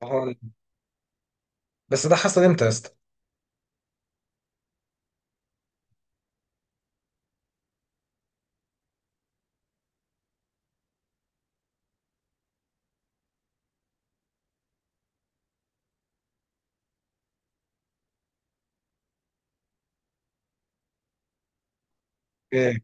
اه. بس ده حصل امتى يا اسطى؟ إيه؟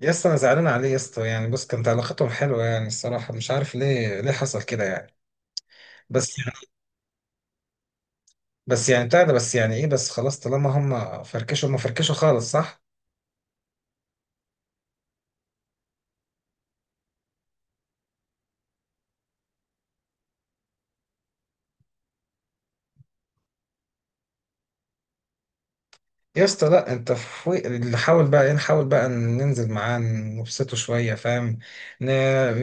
يا اسطى انا زعلان عليه يا اسطى، يعني بص كانت علاقتهم حلوه. يعني الصراحه مش عارف ليه حصل كده يعني. بس بس يعني بتاع ده، بس يعني ايه، بس خلاص طالما هم فركشوا هم فركشوا خالص، صح؟ يا اسطى لا، انت في اللي حاول بقى ايه، نحاول بقى ننزل معاه نبسطه شويه فاهم. ن...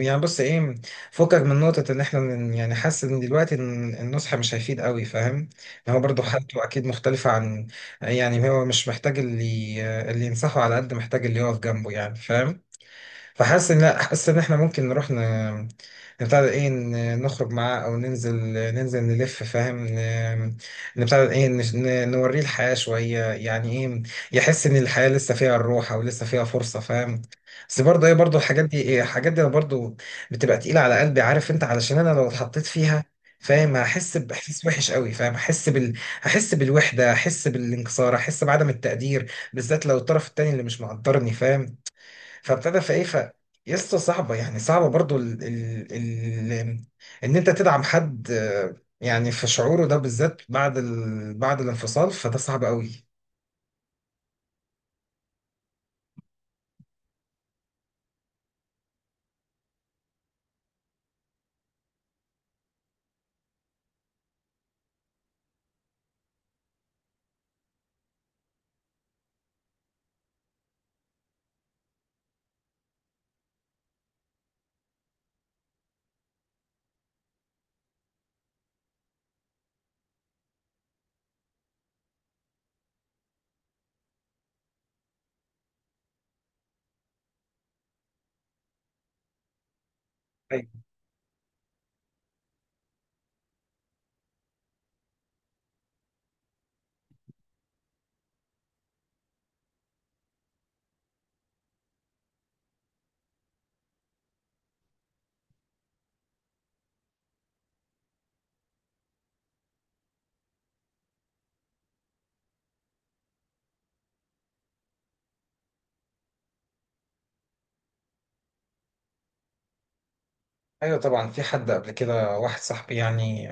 يعني بص ايه، فكك من نقطه ان احنا يعني حاسس ان دلوقتي ان النصح مش هيفيد قوي فاهم. يعني هو برضه حالته اكيد مختلفه عن، يعني هو مش محتاج اللي اللي ينصحه، على قد محتاج اللي يقف جنبه يعني فاهم. فحاسس ان لا، حاسس ان احنا ممكن نروح نبتدي ايه، نخرج معاه او ننزل نلف فاهم. نبتدي ايه، نوريه الحياة شوية، يعني ايه، يحس ان الحياة لسه فيها الروح، او لسه فيها فرصة فاهم. بس برضه ايه، برضه الحاجات دي، ايه الحاجات دي، برضه بتبقى تقيلة على قلبي، عارف انت، علشان انا لو اتحطيت فيها فاهم هحس باحساس وحش قوي فاهم. هحس بال، هحس بالوحده، هحس بالانكسار، هحس بعدم التقدير، بالذات لو الطرف التاني اللي مش مقدرني فاهم. فابتدى في ايه، ف يا اسطى صعبه، يعني صعبه برضو، ان انت تدعم حد، آه، يعني في شعوره ده بالذات بعد بعد الانفصال، فده صعب قوي. ايوه، ايوه طبعا، في حد قبل كده، واحد صاحبي يعني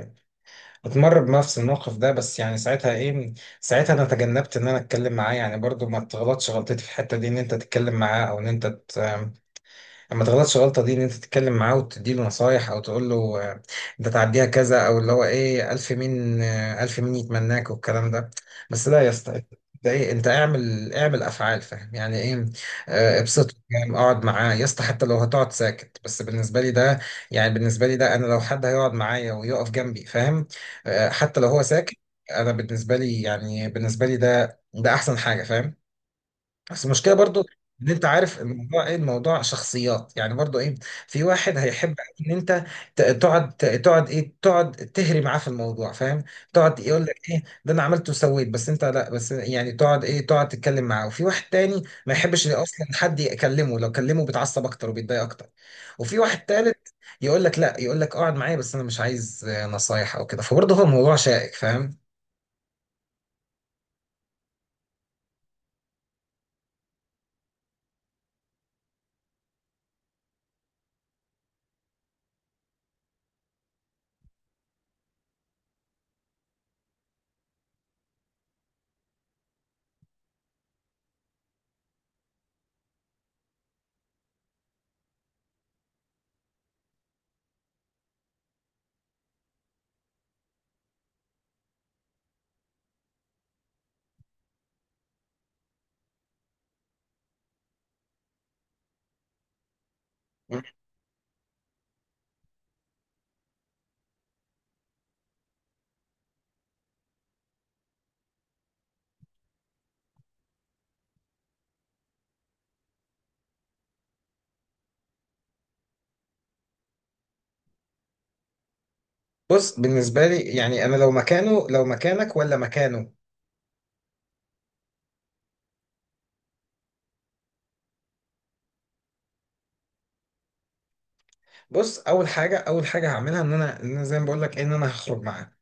اتمر بنفس الموقف ده. بس يعني ساعتها ايه، ساعتها انا تجنبت ان انا اتكلم معاه يعني، برضو ما تغلطش غلطتي في الحته دي، ان انت تتكلم معاه او ان انت ما تغلطش غلطة دي، ان انت تتكلم معاه وتديله نصايح او تقول له آه، انت تعديها كذا، او اللي هو ايه، الف مين، آه، الف مين يتمناك، والكلام ده. بس لا يا اسطى، انت ايه، انت اعمل افعال فاهم يعني ايه، آه، ابسطه فاهم، اقعد معاه يا اسطى، حتى لو هتقعد ساكت، بس بالنسبة لي ده، يعني بالنسبة لي ده، انا لو حد هيقعد معايا ويقف جنبي فاهم، آه، حتى لو هو ساكت، انا بالنسبة لي، يعني بالنسبة لي ده احسن حاجة فاهم. بس المشكله برضو ان انت عارف الموضوع ايه، الموضوع شخصيات يعني، برضو ايه، في واحد هيحب ان انت تقعد ايه، تقعد تهري معاه في الموضوع فاهم، تقعد يقول لك ايه ده انا عملت وسويت، بس انت لا، بس يعني تقعد ايه، تقعد تتكلم معاه. وفي واحد تاني ما يحبش اصلا حد يكلمه، لو كلمه بيتعصب اكتر وبيتضايق اكتر. وفي واحد تالت يقول لك لا، يقول لك اقعد معايا، بس انا مش عايز آه، نصايح او كده. فبرضه هو الموضوع شائك فاهم. بص بالنسبة لي، يعني أنا لو مكانه، لو مكانك ولا مكانه، بص اول حاجه هعملها ان انا زي ما بقول لك إيه، ان انا هخرج معاه،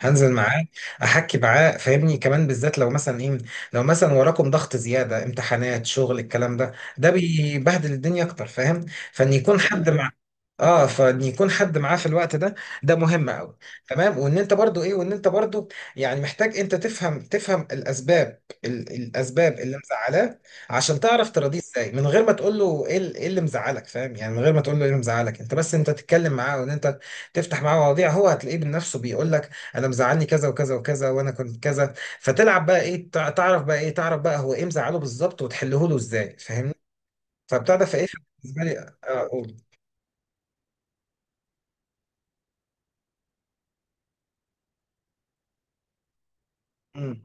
هنزل معاه، احكي معاه فاهمني، كمان بالذات لو مثلا ايه، لو مثلا وراكم ضغط زياده، امتحانات، شغل، الكلام ده، ده بيبهدل الدنيا اكتر فاهم. فان يكون حد مع اه فان يكون حد معاه في الوقت ده، ده مهم قوي، تمام. وان انت برضو يعني محتاج، انت تفهم الاسباب، الاسباب اللي مزعلاه، عشان تعرف تراضيه ازاي من غير ما تقول له ايه، إيه اللي مزعلك فاهم، يعني من غير ما تقول له ايه اللي مزعلك انت، بس انت تتكلم معاه، وان انت تفتح معاه مواضيع، هو هتلاقيه بنفسه بيقول لك انا مزعلني كذا وكذا وكذا، وانا كنت كذا. فتلعب بقى ايه، تعرف بقى ايه، تعرف بقى هو ايه مزعله بالظبط، وتحله له ازاي فاهمني. فبتاع ده فايه بالنسبه لي، اقول.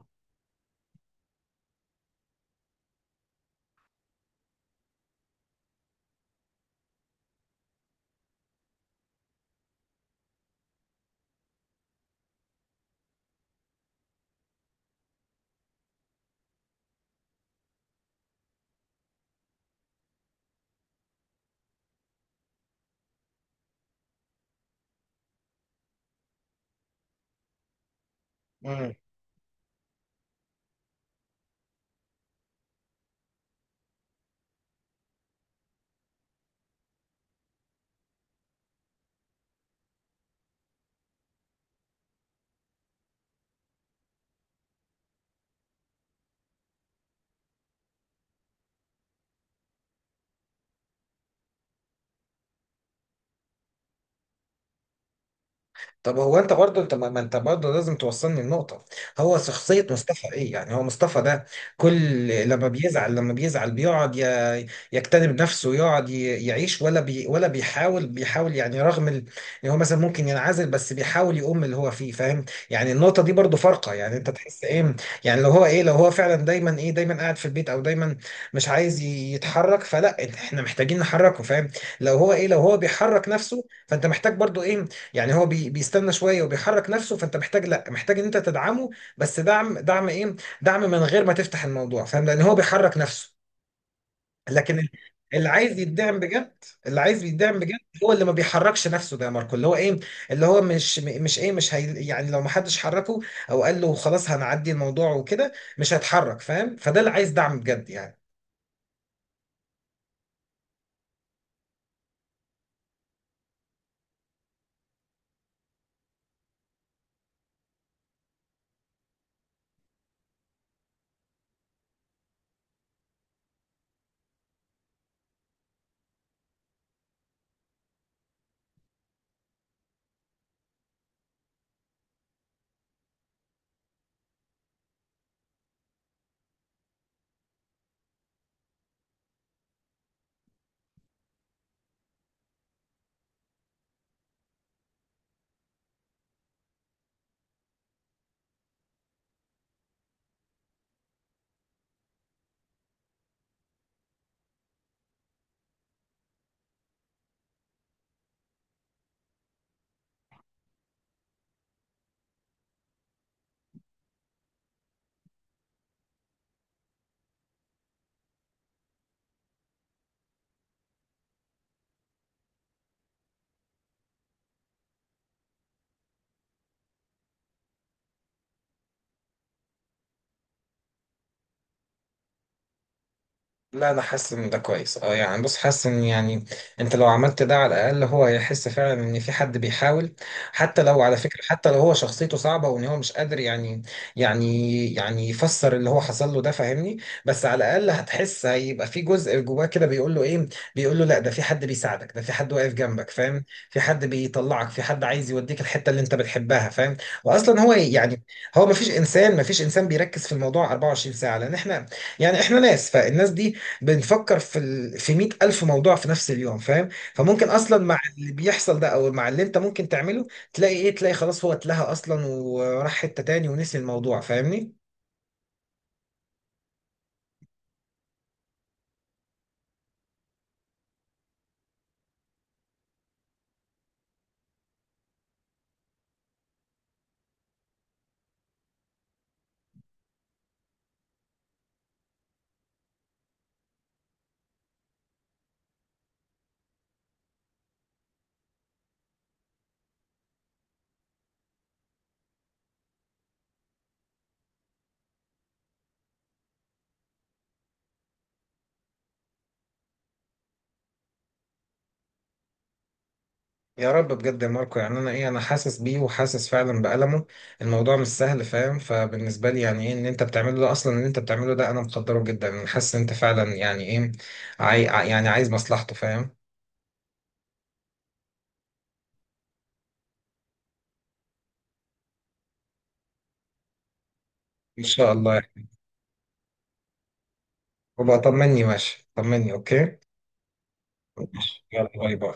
طب هو انت برضه، انت ما انت برضه لازم توصلني النقطة، هو شخصية مصطفى ايه، يعني هو مصطفى ده كل لما بيزعل، لما بيزعل بيقعد يكتنب نفسه، يقعد يعيش، ولا بيحاول يعني، رغم ان هو مثلا ممكن ينعزل، بس بيحاول يقوم اللي هو فيه فاهم. يعني النقطة دي برضه فارقة، يعني انت تحس ايه، يعني لو هو ايه، لو هو فعلا دايما ايه، دايما قاعد في البيت، او دايما مش عايز يتحرك، فلا، احنا محتاجين نحركه فاهم. لو هو ايه، لو هو بيحرك نفسه، فانت محتاج برضه ايه، يعني هو بيستنى شويه وبيحرك نفسه، فانت محتاج لا، محتاج ان انت تدعمه، بس دعم، دعم ايه، دعم من غير ما تفتح الموضوع فاهم، لان هو بيحرك نفسه. لكن اللي عايز يدعم بجد، اللي عايز يدعم بجد هو اللي ما بيحركش نفسه، ده يا ماركو اللي هو ايه، اللي هو مش مش ايه، مش هي، يعني لو ما حدش حركه او قال له خلاص هنعدي الموضوع وكده، مش هيتحرك فاهم، فده اللي عايز دعم بجد يعني. لا، انا حاسس ان ده كويس، اه، يعني بص حاسس ان، يعني انت لو عملت ده على الاقل هو هيحس فعلا ان في حد بيحاول، حتى لو على فكره، حتى لو هو شخصيته صعبه وان هو مش قادر يعني يفسر اللي هو حصل له ده فاهمني، بس على الاقل هتحس هيبقى في جزء جواه كده بيقول له ايه، بيقول له لا، ده في حد بيساعدك، ده في حد واقف جنبك فاهم، في حد بيطلعك، في حد عايز يوديك الحته اللي انت بتحبها فاهم. واصلا هو إيه، يعني هو ما فيش انسان، ما فيش انسان بيركز في الموضوع 24 ساعه، لان احنا يعني احنا ناس، فالناس دي بنفكر في في 100,000 موضوع في نفس اليوم فاهم، فممكن اصلا مع اللي بيحصل ده، او مع اللي انت ممكن تعمله، تلاقي ايه، تلاقي خلاص هو اتلهى اصلا وراح حتة تاني ونسي الموضوع فاهمني. يا رب بجد يا ماركو، يعني انا ايه، انا حاسس بيه وحاسس فعلا بألمه، الموضوع مش سهل فاهم. فبالنسبة لي يعني ايه ان انت بتعمله ده، اصلا ان انت بتعمله ده، انا مقدره جدا، انا حاسس ان انت فعلا يعني ايه، يعني عايز مصلحته فاهم. ان شاء الله. وبقى طمني ماشي، طمني اوكي. ماشي، يلا باي باي.